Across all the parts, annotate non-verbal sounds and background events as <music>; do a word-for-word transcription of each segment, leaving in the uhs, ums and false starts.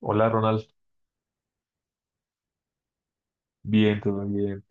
Hola Ronald, bien, todo bien.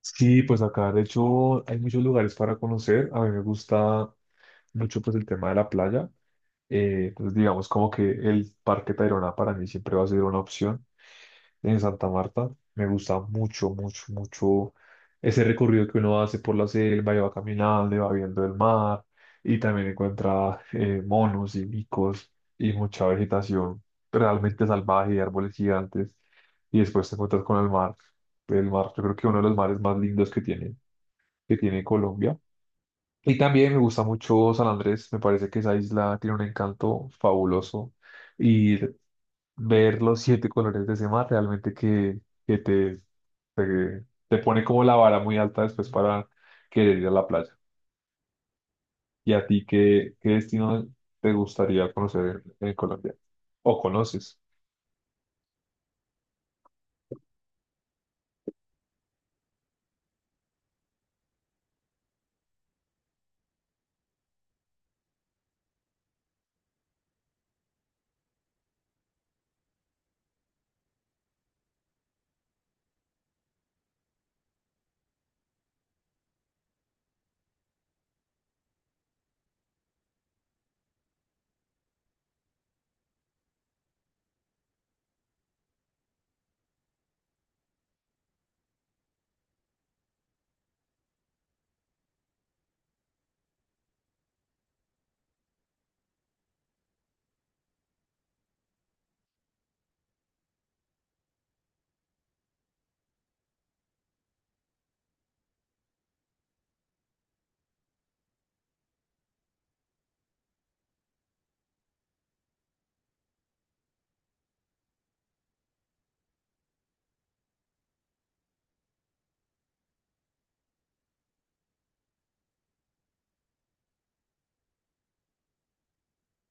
Sí, pues acá de hecho hay muchos lugares para conocer. A mí me gusta mucho pues el tema de la playa. Eh, pues digamos como que el Parque Tayrona para mí siempre va a ser una opción en Santa Marta. Me gusta mucho, mucho, mucho ese recorrido que uno hace por la selva y va caminando y va viendo el mar y también encuentra eh, monos y micos y mucha vegetación realmente salvaje y árboles gigantes y después te encuentras con el mar. El mar, yo creo que uno de los mares más lindos que tiene, que tiene Colombia. Y también me gusta mucho San Andrés, me parece que esa isla tiene un encanto fabuloso. Y ver los siete colores de ese mar realmente que, que te, te, te pone como la vara muy alta después para querer ir a la playa. ¿Y a ti qué, qué destino te gustaría conocer en, en Colombia? ¿O conoces?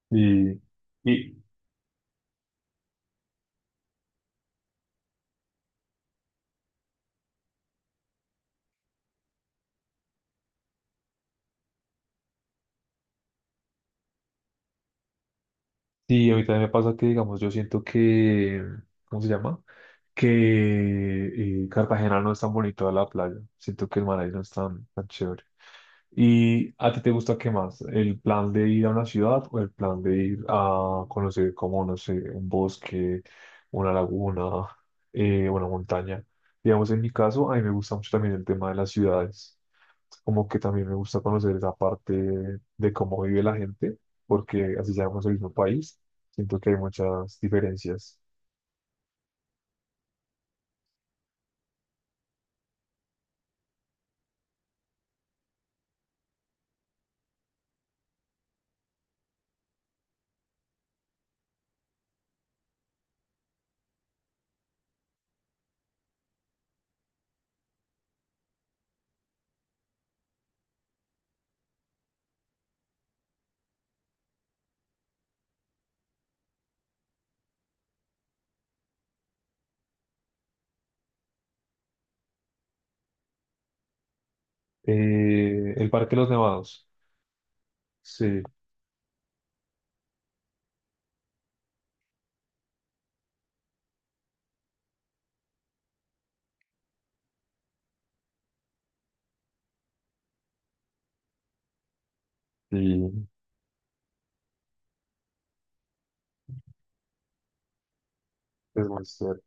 Y, y sí, a mí también me pasa que, digamos, yo siento que, ¿cómo se llama? Que eh, Cartagena no es tan bonito a la playa. Siento que el mar ahí no es tan, tan chévere. ¿Y a ti te gusta qué más? ¿El plan de ir a una ciudad o el plan de ir a conocer como, no sé, un bosque, una laguna, eh, una montaña? Digamos, en mi caso, a mí me gusta mucho también el tema de las ciudades. Como que también me gusta conocer esa parte de cómo vive la gente, porque así seamos el mismo país, siento que hay muchas diferencias. Eh, el Parque de los Nevados, sí, y es muy chévere.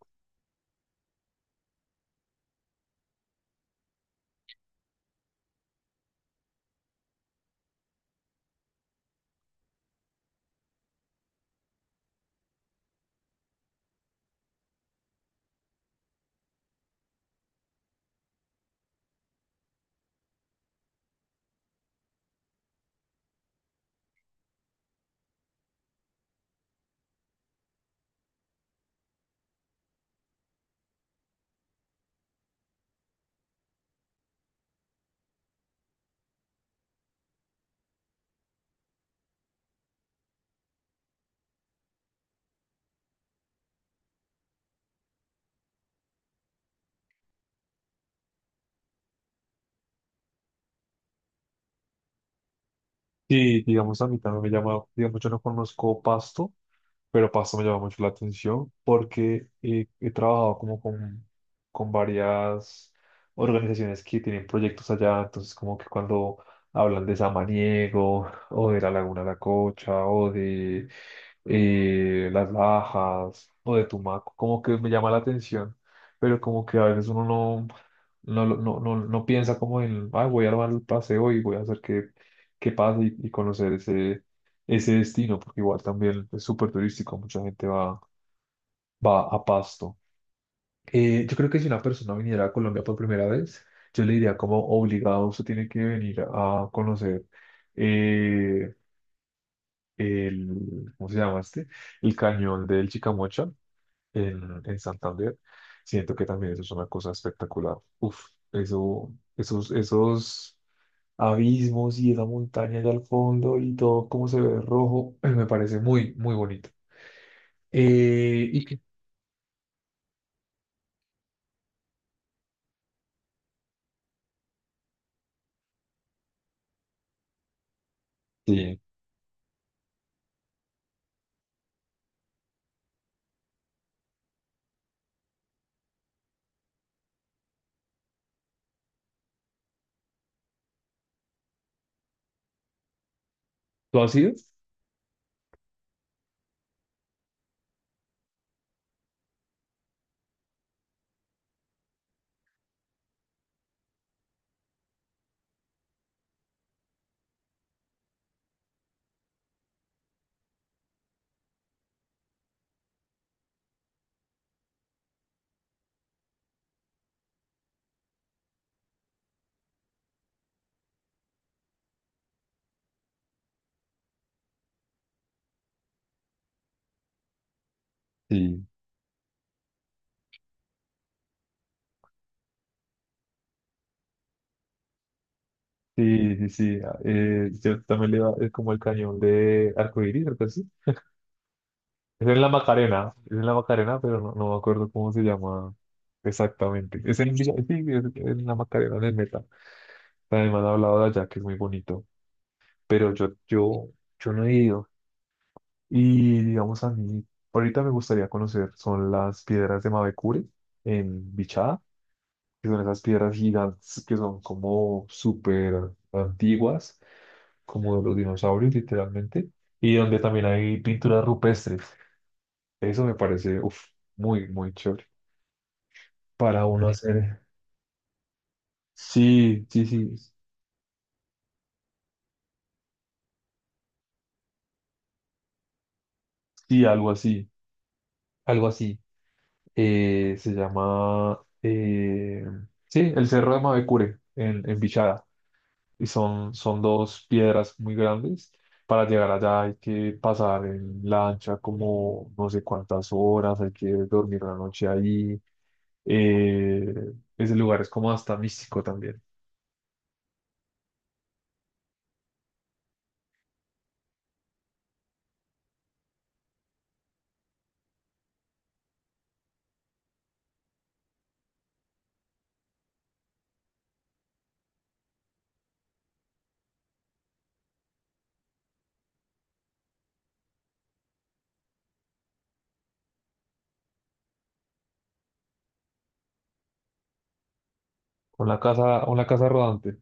Y digamos, a mí también me llama, digamos, yo no conozco Pasto, pero Pasto me llama mucho la atención porque eh, he trabajado como con, con varias organizaciones que tienen proyectos allá, entonces como que cuando hablan de Samaniego o de la Laguna La Cocha o de eh, Las Lajas o de Tumaco, como que me llama la atención, pero como que a veces uno no, no, no, no, no piensa como en, ay, voy a armar el paseo y voy a hacer que qué pasa y, y conocer ese, ese destino, porque igual también es súper turístico, mucha gente va, va a Pasto. Eh, yo creo que si una persona viniera a Colombia por primera vez, yo le diría como obligado, usted tiene que venir a conocer eh, el, ¿cómo se llama este? El cañón del Chicamocha en, en Santander. Siento que también eso es una cosa espectacular. Uf, eso, esos, esos abismos y esa montaña allá al fondo y todo como se ve rojo, <clears throat> me parece muy, muy bonito. Eh, ¿y qué? Sí, ¿tú has ido? Sí, sí, sí, sí. Ah, eh, yo también le iba, es como el cañón de Arcoíris, algo así. Es en la Macarena, es en la Macarena, pero no, no me acuerdo cómo se llama exactamente. Es en, Villa- sí, es en la Macarena, en el Meta. Además, han hablado de allá, que es muy bonito, pero yo, yo, yo no he ido. Y digamos a mí, ahorita me gustaría conocer, son las piedras de Mavecure en Bichada, que son esas piedras gigantes que son como súper antiguas, como de los dinosaurios literalmente, y donde también hay pinturas rupestres. Eso me parece, uf, muy, muy chévere. Para uno hacer, sí, sí, sí, sí, algo así, algo así. Eh, se llama, eh, sí, el Cerro de Mavecure en, en Bichada. Y son, son dos piedras muy grandes. Para llegar allá hay que pasar en lancha como no sé cuántas horas, hay que dormir la noche ahí. Eh, Ese lugar es como hasta místico también. Con la casa, con la casa rodante.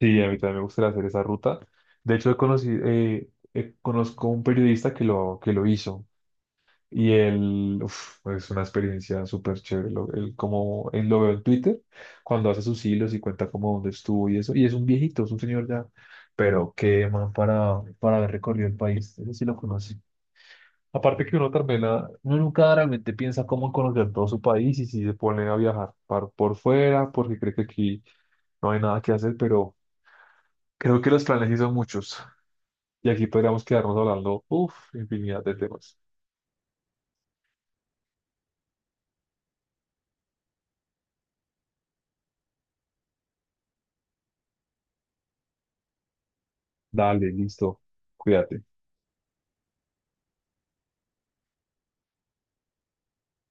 Sí, a mí también me gustaría hacer esa ruta. De hecho, he conocido, eh, eh, conozco un periodista que lo, que lo hizo. Y él, uf, pues, es una experiencia súper chévere. Lo, él, como, él lo veo en Twitter, cuando hace sus hilos y cuenta como dónde estuvo y eso. Y es un viejito, es un señor ya. Pero qué man para, para haber recorrido el país. Ese sí lo conoce. Aparte que uno también, ah, uno nunca realmente piensa cómo conocer todo su país y si se pone a viajar par- por fuera, porque cree que aquí no hay nada que hacer, pero creo que los planes sí son muchos. Y aquí podríamos quedarnos hablando, uf, infinidad de temas. Dale, listo. Cuídate.